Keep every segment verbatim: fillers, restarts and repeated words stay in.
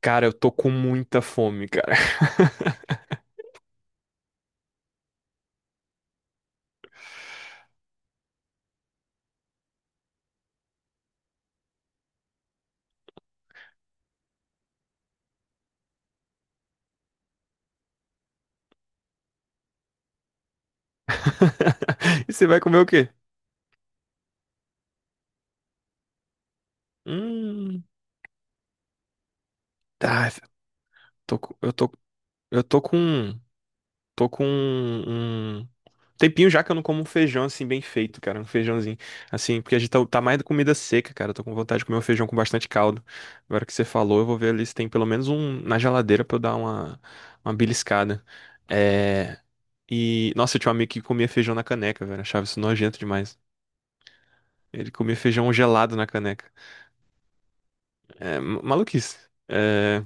Cara, eu tô com muita fome, cara. E você vai comer o quê? Hum, tá, tô, com- eu tô, eu tô com, tô com um, um tempinho já que eu não como um feijão assim bem feito, cara, um feijãozinho assim, porque a gente tá, tá mais da comida seca, cara. Eu tô com vontade de comer um feijão com bastante caldo. Agora que você falou, eu vou ver ali se tem pelo menos um na geladeira pra eu dar uma, uma beliscada. É, e nossa, eu tinha um amigo que comia feijão na caneca, velho. Achava isso nojento demais. Ele comia feijão gelado na caneca. É, ma- maluquice. É.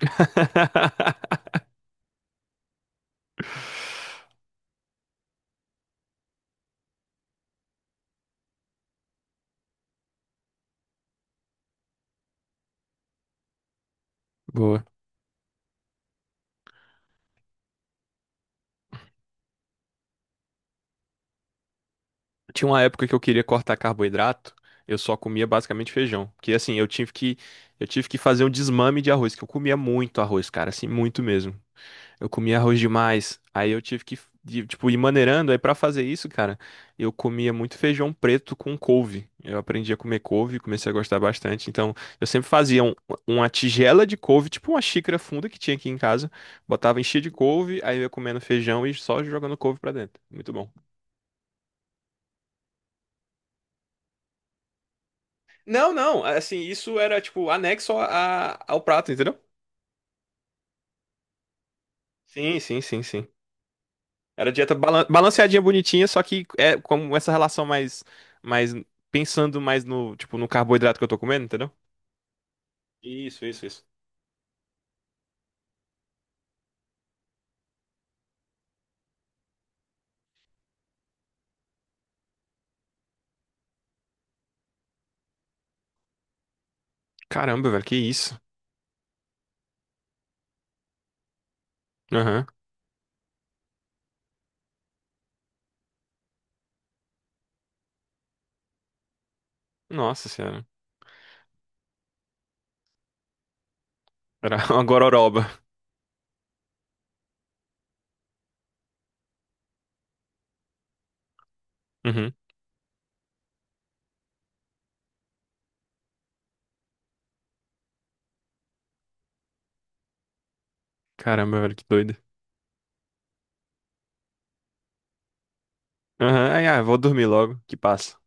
Boa. Tinha uma época que eu queria cortar carboidrato, eu só comia basicamente feijão. Porque assim, eu tive que, eu tive que fazer um desmame de arroz, que eu comia muito arroz, cara, assim, muito mesmo. Eu comia arroz demais. Aí eu tive que, de- tipo, ir maneirando. Aí pra fazer isso, cara, eu comia muito feijão preto com couve. Eu aprendi a comer couve, comecei a gostar bastante. Então, eu sempre fazia um- uma tigela de couve, tipo uma xícara funda que tinha aqui em casa. Botava, enchia de couve, aí eu ia comendo feijão e só jogando couve pra dentro. Muito bom. Não, não, assim, isso era, tipo, anexo a- a- ao prato, entendeu? Sim, sim, sim, sim. Era dieta balan- balanceadinha, bonitinha, só que é como essa relação mais, mais pensando mais no, tipo, no carboidrato que eu tô comendo, entendeu? Isso, isso, isso. Caramba, velho, que isso? Aham. Nossa senhora. Era uma gororoba. Uhum. Caramba, velho, que doido. Aham. Ai, ah, vou dormir logo, que passa.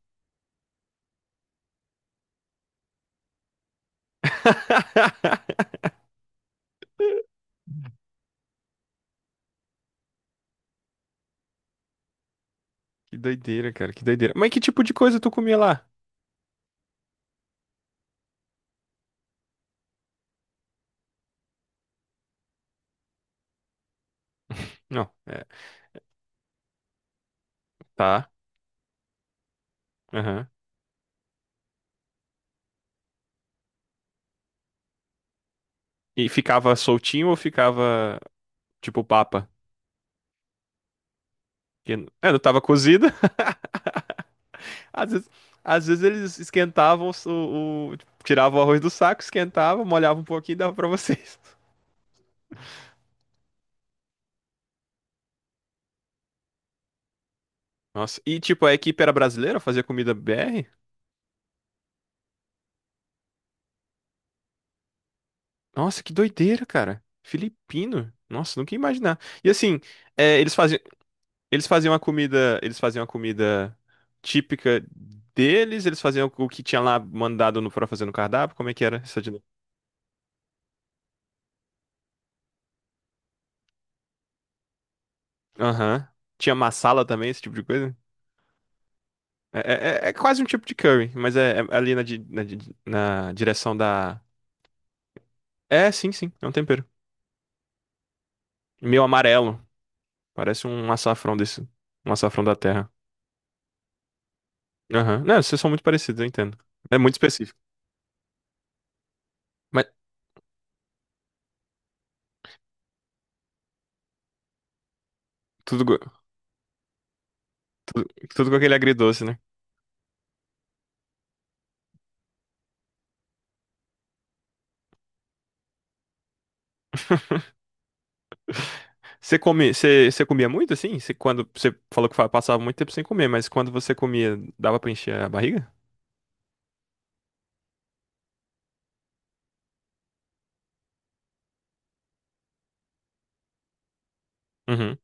Que doideira, cara, que doideira. Mas que tipo de coisa tu comia lá? Não, é, tá. Aham. E ficava soltinho ou ficava tipo papa? Que- É, não tava cozido. Às vezes, às vezes eles esquentavam o, o- tiravam o arroz do saco, esquentavam, molhavam um pouquinho e dava pra vocês. Nossa, e tipo, a equipe era brasileira, fazia comida B R? Nossa, que doideira, cara. Filipino. Nossa, nunca ia imaginar. E assim, é, eles faziam, eles faziam a comida, eles faziam a comida típica deles, eles faziam o que tinha lá mandado no, pra fazer no cardápio, como é que era essa dinâmica? Aham. Tinha massala também, esse tipo de coisa? É, é- é é quase um tipo de curry, mas é, é ali na, di- na di- na direção da. É, sim, sim, é um tempero. Meio amarelo. Parece um açafrão desse. Um açafrão da terra. Aham. Não, vocês são muito parecidos, eu entendo. É muito específico. Mas tudo, go- tudo, tudo com aquele agridoce, né? Você come, você, você comia muito assim? Você, quando, você falou que fa- passava muito tempo sem comer, mas quando você comia, dava pra encher a barriga? Uhum,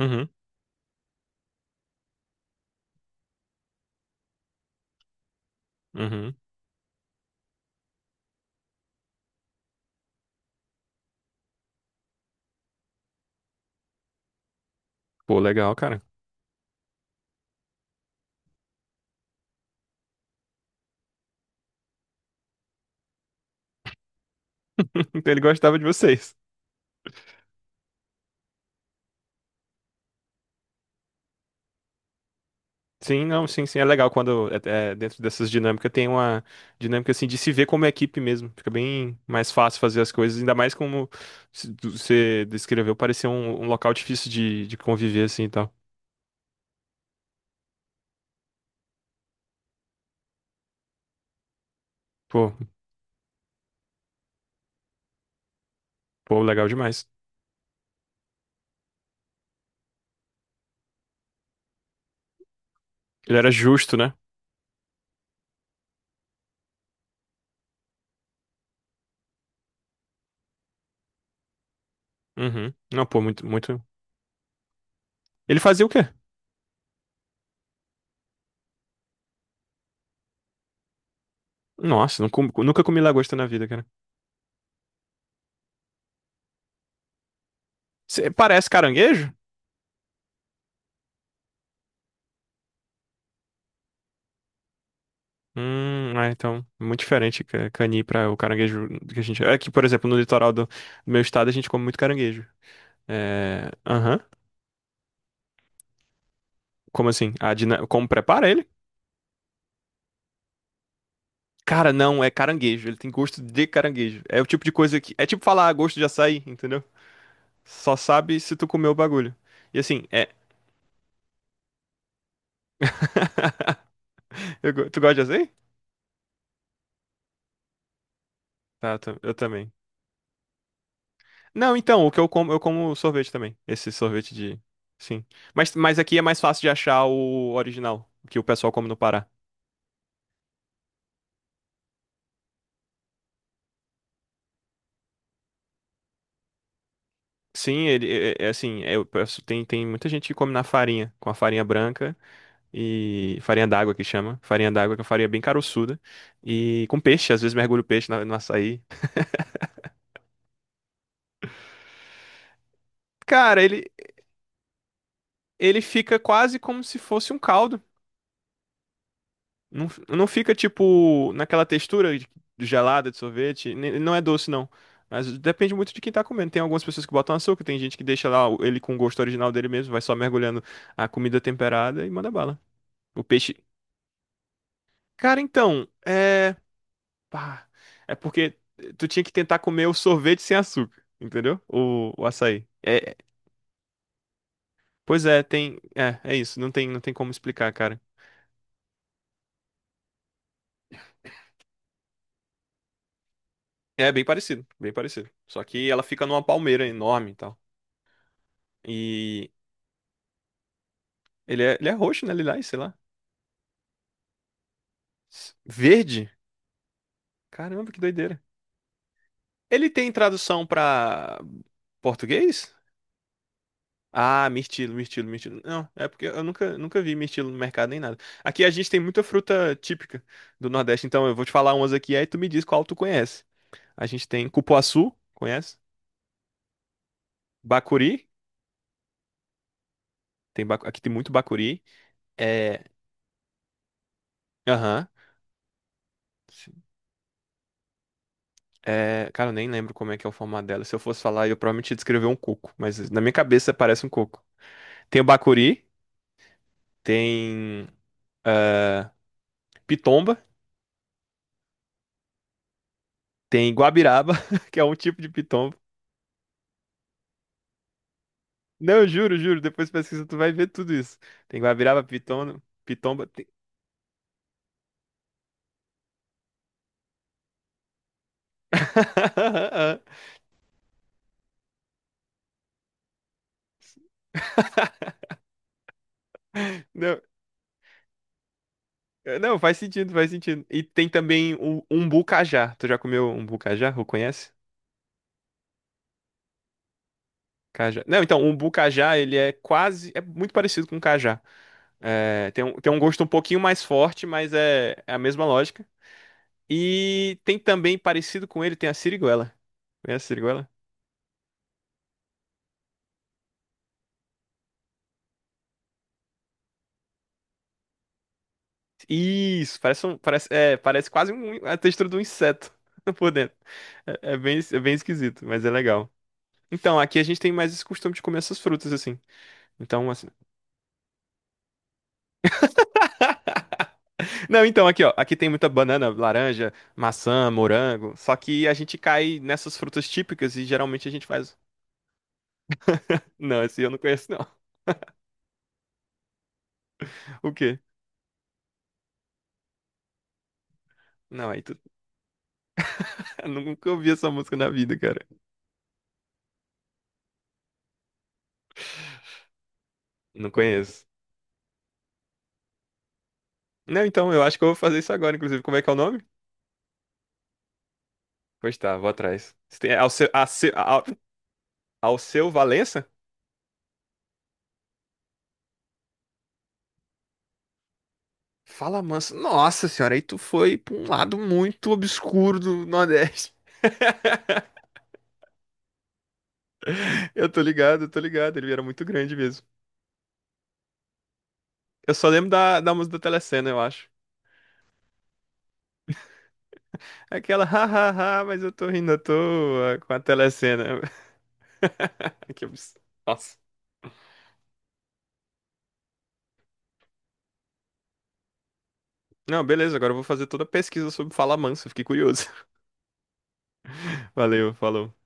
uhum, uhum. Pô, legal, cara. Então ele gostava de vocês. Sim, não, sim, sim. É legal quando é, é, dentro dessas dinâmicas tem uma dinâmica assim de se ver como equipe mesmo. Fica bem mais fácil fazer as coisas, ainda mais como se- do- você descreveu, parecia um, um local difícil de, de conviver assim e tal. Pô, pô, legal demais. Ele era justo, né? Uhum. Não, pô, muito, muito. Ele fazia o quê? Nossa, não com- nunca comi lagosta na vida, cara. Cê- parece caranguejo? Hum, é, então, muito diferente ca- cani para o caranguejo que a gente. É que, por exemplo, no litoral do do meu estado a gente come muito caranguejo. É. Aham. Como assim? A dina- Como prepara ele? Cara, não, é caranguejo. Ele tem gosto de caranguejo. É o tipo de coisa que. É tipo falar "Ah, gosto de açaí, entendeu? Só sabe se tu comer o bagulho. E assim, é. Eu go- Tu gosta de açaí? Tá, tá, eu também. Não, então, o que eu como, eu como sorvete também. Esse sorvete de. Sim. Mas, mas aqui é mais fácil de achar o original, que o pessoal come no Pará. Sim, ele é, é- é assim, é, eu peço- tem, tem muita gente que come na farinha, com a farinha branca. E farinha d'água que chama. Farinha d'água que é uma farinha bem caroçuda. E com peixe, às vezes mergulho o peixe na- no açaí. Cara, ele, ele fica quase como se fosse um caldo. Não, não fica tipo naquela textura de- gelada de sorvete. Ne- Ele não é doce, não. Mas depende muito de quem tá comendo. Tem algumas pessoas que botam açúcar, tem gente que deixa lá o- ele com o gosto original dele mesmo, vai só mergulhando a comida temperada e manda bala. O peixe. Cara, então, é. Pá. É porque tu tinha que tentar comer o sorvete sem açúcar, entendeu? O, o açaí. É, é- pois é, tem. É, é isso. Não tem, não tem como explicar, cara. É bem parecido, bem parecido. Só que ela fica numa palmeira enorme e tal. E ele é, ele é roxo, né? Lilás, sei lá. S- Verde? Caramba, que doideira. Ele tem tradução pra português? Ah, mirtilo, mirtilo, mirtilo. Não, é porque eu nunca, nunca vi mirtilo no mercado nem nada. Aqui a gente tem muita fruta típica do Nordeste, então eu vou te falar umas aqui, aí tu me diz qual tu conhece. A gente tem cupuaçu, conhece? Bacuri, tem bacu- aqui tem muito bacuri. É, aham. Sim. É, cara, eu nem lembro como é que é o formato dela. Se eu fosse falar, eu provavelmente ia descrever um coco, mas na minha cabeça parece um coco. Tem o bacuri, tem ah, pitomba, tem guabiraba, que é um tipo de pitomba. Não, eu juro, juro. Depois pesquisa, tu vai ver tudo isso. Tem Guabiraba, Piton, Pitomba. tem- Não, eh, não, faz sentido, faz sentido. E tem também o umbu cajá. Tu já comeu umbu cajá? Ou conhece? Cajá. Não, então, o umbu cajá, ele é quase. É muito parecido com cajá. É, tem um, tem um gosto um pouquinho mais forte, mas é, é a mesma lógica. E tem também, parecido com ele, tem a siriguela. Conhece a siriguela? Isso, parece, um, parece, é, parece quase um, a textura de um inseto por dentro. É, é bem, é bem esquisito, mas é legal. Então, aqui a gente tem mais esse costume de comer essas frutas, assim. Então, assim. Não, então, aqui, ó. Aqui tem muita banana, laranja, maçã, morango. Só que a gente cai nessas frutas típicas e geralmente a gente faz. Não, esse eu não conheço, não. O quê? Não, aí tu. Eu nunca ouvi essa música na vida, cara. Não conheço. Não, então, eu acho que eu vou fazer isso agora, inclusive. Como é que é o nome? Pois tá, vou atrás. Você tem- é, Alce- Ace- Al- Ao seu Valença? Fala mansa. Nossa senhora, aí tu foi pra um lado muito obscuro do Nordeste. Eu tô ligado, eu tô ligado. Ele era muito grande mesmo. Eu só lembro da, da música da Telecena, eu acho. Aquela, hahaha, mas eu tô rindo à toa com a Telecena. Que abs- Nossa. Não, beleza, agora eu vou fazer toda a pesquisa sobre Fala Mansa. Fiquei curioso. Valeu, falou.